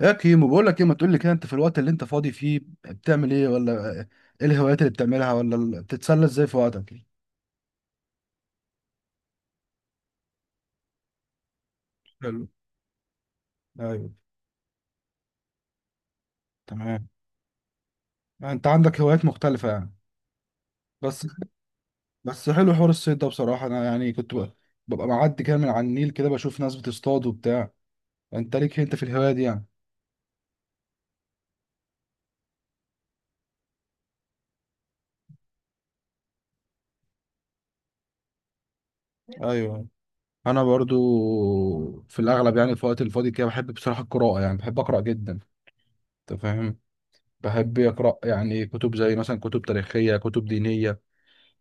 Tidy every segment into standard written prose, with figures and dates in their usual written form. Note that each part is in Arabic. يا كيمو بقول لك ايه؟ ما تقول لي كده، انت في الوقت اللي انت فاضي فيه بتعمل ايه ولا ايه؟ الهوايات اللي بتعملها، ولا بتتسلى ازاي في وقتك؟ حلو. ايوه. تمام. انت عندك هوايات مختلفة يعني؟ بس بس حلو حوار الصيد ده بصراحة. انا يعني ببقى معدي كده من على النيل، كده بشوف ناس بتصطاد وبتاع. انت ليك انت في الهواية دي يعني؟ ايوه انا برضو، في الاغلب يعني في الوقت الفاضي كده بحب بصراحة القراءة، يعني بحب اقرا جدا. انت فاهم؟ بحب اقرا يعني كتب، زي مثلا كتب تاريخية، كتب دينية.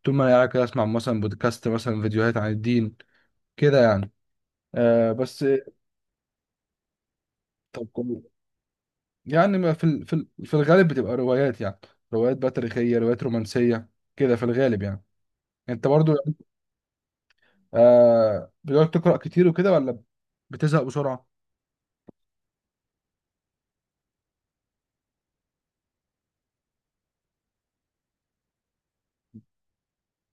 طول ما انا قاعد كده اسمع مثلا بودكاست، مثلا فيديوهات عن الدين كده يعني. آه بس طب كويس. يعني ما في ال- في ال- في الغالب بتبقى روايات يعني، روايات بقى تاريخية، روايات رومانسية، كده في الغالب يعني. انت برضو يعني؟ بتقعد تقرأ كتير وكده ولا بتزهق بسرعة؟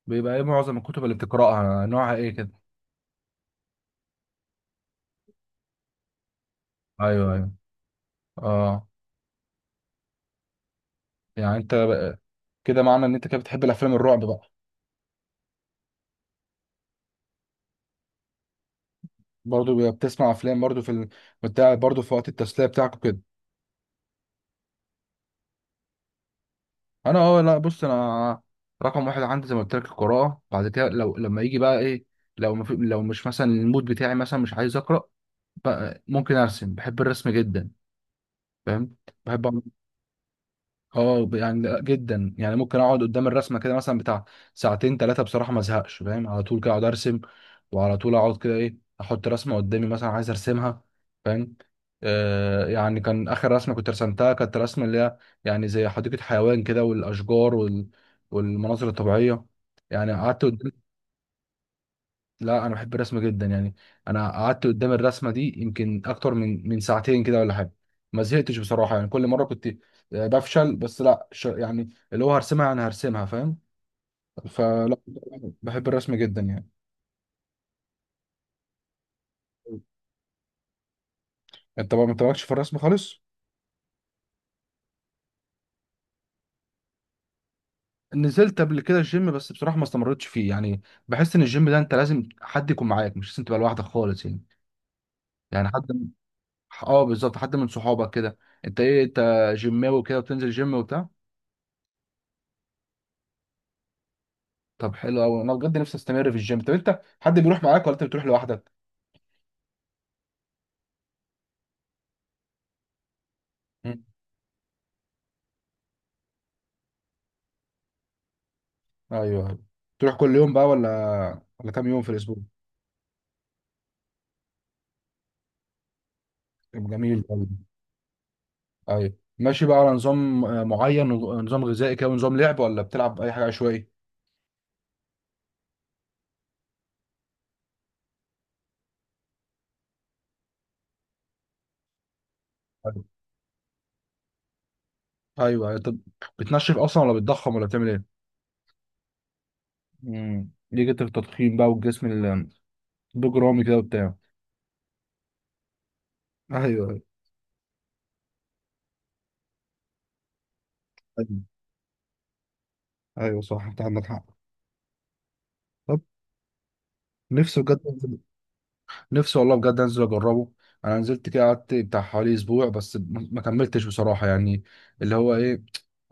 بيبقى ايه معظم الكتب اللي بتقرأها؟ نوعها ايه كده؟ ايوه ايوه. اه. يعني كده معنى ان انت كده بتحب الافلام الرعب بقى؟ برضو بتسمع افلام برضو بتاع، برضو في وقت التسلية بتاعك؟ انا اه لا، بص انا رقم واحد عندي زي ما قلت لك القراءه. بعد كده لو لما يجي بقى ايه، لو ما في لو مش مثلا المود بتاعي مثلا مش عايز اقرا، بقى ممكن ارسم. بحب الرسم جدا، فاهم؟ بحب. يعني لأ، جدا يعني، ممكن اقعد قدام الرسمه كده مثلا بتاع ساعتين ثلاثه بصراحه، ما ازهقش. فاهم؟ على طول كده اقعد ارسم، وعلى طول اقعد كده ايه، احط رسمه قدامي مثلا عايز ارسمها. فاهم؟ يعني كان اخر رسمه كنت رسمتها، كانت رسمه اللي هي يعني زي حديقه حيوان كده، والاشجار والمناظر الطبيعيه، يعني قعدت قدام. لا انا بحب الرسم جدا يعني. انا قعدت قدام الرسمه دي يمكن اكتر من ساعتين كده ولا حاجه، ما زهقتش بصراحه يعني. كل مره كنت بفشل، بس لا يعني اللي هو انا هرسمها، فاهم؟ فلا، بحب الرسم جدا يعني. انت بقى ما انت مالكش في الرسم خالص؟ نزلت قبل كده الجيم، بس بصراحه ما استمرتش فيه يعني. بحس ان الجيم ده انت لازم حد يكون معاك، مش لازم تبقى لوحدك خالص يعني، يعني حد. اه بالظبط، حد من صحابك كده. انت جيماوي كده وبتنزل جيم وبتاع؟ طب حلو قوي. انا بجد نفسي استمر في الجيم. طب انت حد بيروح معاك ولا انت بتروح لوحدك؟ مم. ايوه، أيوة. تروح كل يوم بقى ولا كام يوم في الاسبوع؟ طب جميل قوي. ايوه، ماشي بقى على نظام معين، نظام غذائي كده ونظام لعب، ولا بتلعب اي حاجه عشوائي؟ ايوه ايوه، أيوة. طب بتنشف اصلا ولا بتضخم ولا بتعمل ايه؟ ليه جت التضخيم بقى، والجسم البجرامي كده وبتاع؟ ايوه. ايوه ايوه، صح، انت عندك حق. طب نفسي بجد، نفسي والله بجد انزل اجربه. انا نزلت كده قعدت بتاع حوالي اسبوع، بس ما كملتش بصراحه يعني. اللي هو ايه،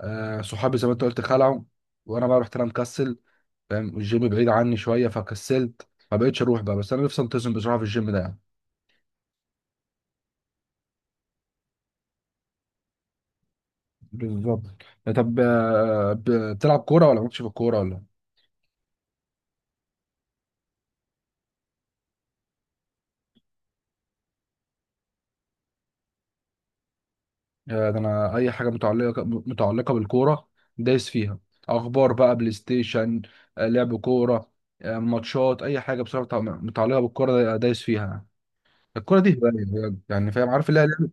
صحابي زي ما انت قلت خلعوا، وانا بقى رحت انا مكسل، فاهم؟ الجيم بعيد عني شويه، فكسلت ما بقتش اروح بقى. بس انا نفسي انتظم بصراحه في الجيم ده يعني. بالظبط. طب بتلعب كوره ولا مالكش في الكوره ولا؟ يا ده انا اي حاجه متعلقه بالكوره دايس فيها. اخبار بقى، بلاي ستيشن، لعب كوره، ماتشات، اي حاجه بصراحه متعلقه بالكوره دايس فيها. الكوره دي هوايه بجد، يعني فاهم؟ عارف اللي هي لعبه،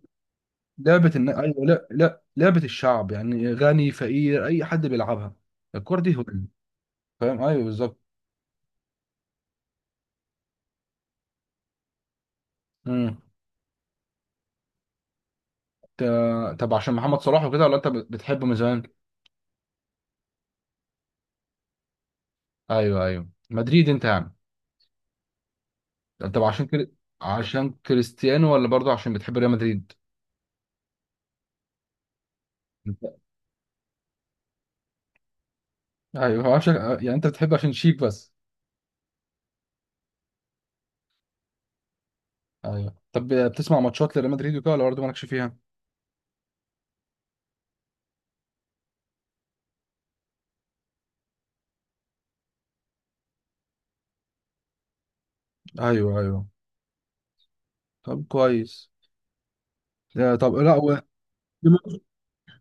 ايوه، لا لا، لعبه الشعب يعني، غني فقير، اي حد بيلعبها. الكوره دي هوايه، فاهم؟ ايوه بالظبط. امم ت- طب عشان محمد صلاح وكده، ولا انت بتحبه من زمان؟ ايوه ايوه، مدريد، انت يعني. طب عشان كده، عشان كريستيانو، ولا برضه عشان بتحب ريال مدريد؟ ايوه، هو عشان يعني انت بتحب عشان شيك بس؟ ايوه طب بتسمع ماتشات لريال مدريد وكده، ولا برضه مالكش فيها؟ ايوه ايوه، طب كويس. آه، طب لا و...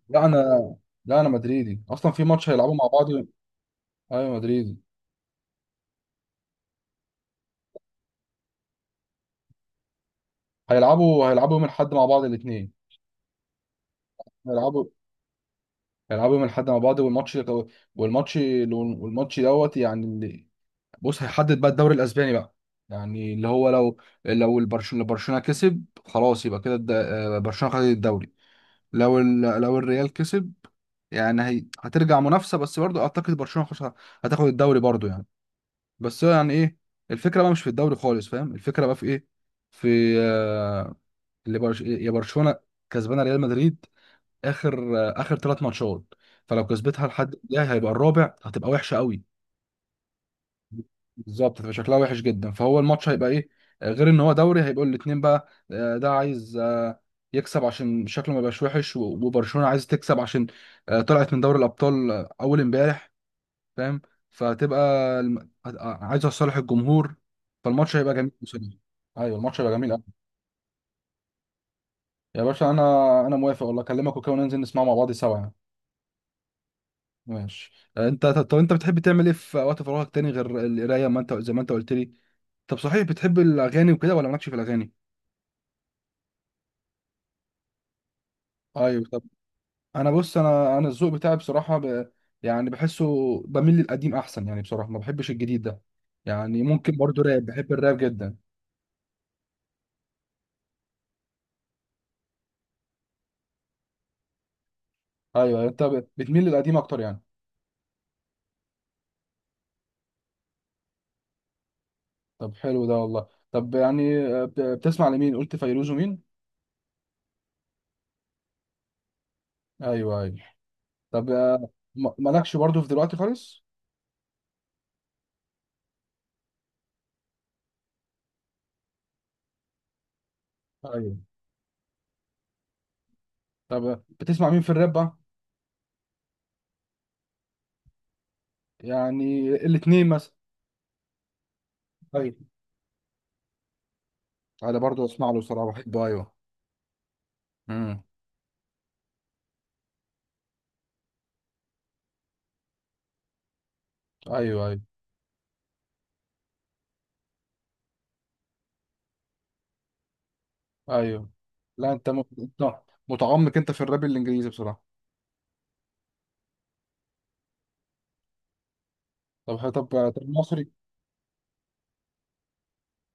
لا انا لا انا مدريدي. اصلا في ماتش هيلعبوا مع بعض ايوه مدريدي. هيلعبوا يوم الاحد مع بعض الاثنين. هيلعبوا هيلعبوا يوم الاحد مع بعض، والماتش والماتش دوت يعني اللي، بص، هيحدد بقى الدوري الاسباني بقى. يعني اللي هو لو، لو برشلونه كسب، خلاص يبقى كده برشلونه خدت الدوري. لو لو الريال كسب، يعني هترجع منافسه. بس برضو اعتقد برشلونه هتاخد الدوري برضو يعني. بس هو يعني ايه، الفكره بقى مش في الدوري خالص، فاهم؟ الفكره بقى في ايه، في آه، اللي يا برشلونه كسبانه ريال مدريد اخر، اخر ثلاث ماتشات. فلو كسبتها لحد الجاي، هيبقى الرابع، هتبقى وحشه قوي. بالظبط، هتبقى شكلها وحش جدا. فهو الماتش هيبقى ايه، غير ان هو دوري، هيبقوا الاتنين بقى، ده عايز يكسب عشان شكله ما يبقاش وحش، وبرشلونة عايز تكسب عشان طلعت من دوري الابطال اول امبارح، فاهم؟ فهتبقى عايزه لصالح الجمهور، فالماتش هيبقى جميل بصراحة. ايوه الماتش هيبقى جميل قوي. يا باشا انا، انا موافق والله، اكلمك وكده وننزل نسمعه مع بعض سوا يعني. ماشي. آه، انت طب انت بتحب تعمل ايه في وقت فراغك تاني غير القرايه، ما انت زي ما انت قلت لي؟ طب صحيح بتحب الاغاني وكده ولا مالكش في الاغاني؟ ايوه. طب انا بص، انا الذوق بتاعي بصراحه يعني بحسه بميل للقديم احسن يعني، بصراحه ما بحبش الجديد ده يعني. ممكن برضو راب، بحب الراب جدا. ايوه، يعني انت بتميل للقديم اكتر يعني. طب حلو ده والله. طب يعني بتسمع لمين؟ قلت فيروز ومين؟ ايوه ايوه، طب مالكش برضو في دلوقتي خالص؟ ايوه طب بتسمع مين في الراب بقى؟ يعني الاتنين مثلا. ايوه انا برضو اسمع له صراحه، بحبه ايوه. امم ايوه ايوه. ايوه لا انت أنت متعمق انت في الراب الانجليزي بصراحه. طب، طب مصري.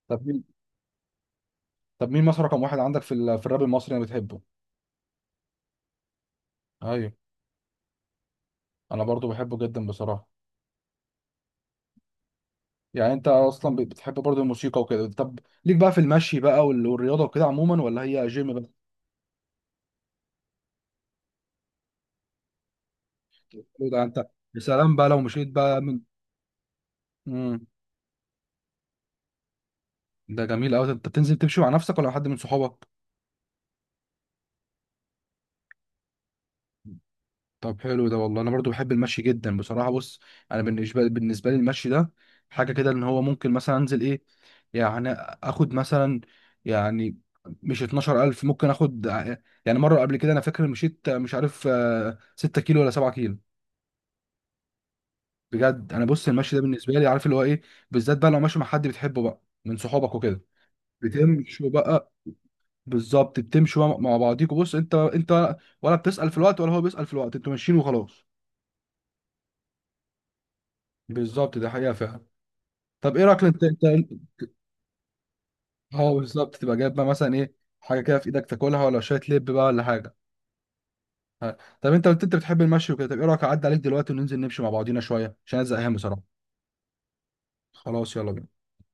طب مين؟ طب مين مصر رقم واحد عندك في الراب المصري، انا بتحبه؟ ايوه. انا برضو بحبه جدا بصراحه. يعني انت اصلا بتحب برضو الموسيقى وكده. طب ليك بقى في المشي بقى، والرياضه وكده عموما، ولا هي جيم بقى؟ ده انت، يا سلام بقى لو مشيت بقى من، امم ده جميل قوي. انت بتنزل تمشي مع نفسك، ولا مع حد من صحابك؟ طب حلو ده والله. انا برضو بحب المشي جدا بصراحه. بص انا، بالنسبه لي المشي ده حاجه كده، ان هو ممكن مثلا انزل ايه يعني، اخد مثلا يعني، مش 12,000، ممكن اخد يعني مره قبل كده، انا فاكر مشيت مش عارف 6 كيلو ولا 7 كيلو. بجد، انا بص المشي ده بالنسبه لي عارف اللي هو ايه، بالذات بقى لو ماشي مع حد بتحبه بقى من صحابك وكده، بتمشوا بقى، بالظبط. بتمشوا مع بعضيكوا، بص انت انت، ولا بتسأل في الوقت، ولا هو بيسأل في الوقت، انتوا ماشيين وخلاص. بالظبط، ده حقيقه فعلا. طب ايه رايك انت انت، اه بالظبط، تبقى جايب بقى مثلا ايه، حاجه كده في ايدك تاكلها، ولا شويه لب بقى، ولا حاجه. ها. طب انت قلت انت بتحب المشي وكده، طب ايه رايك اعدي عليك دلوقتي وننزل نمشي مع بعضينا شويه، عشان انا زهقان بصراحه؟ خلاص يلا بينا.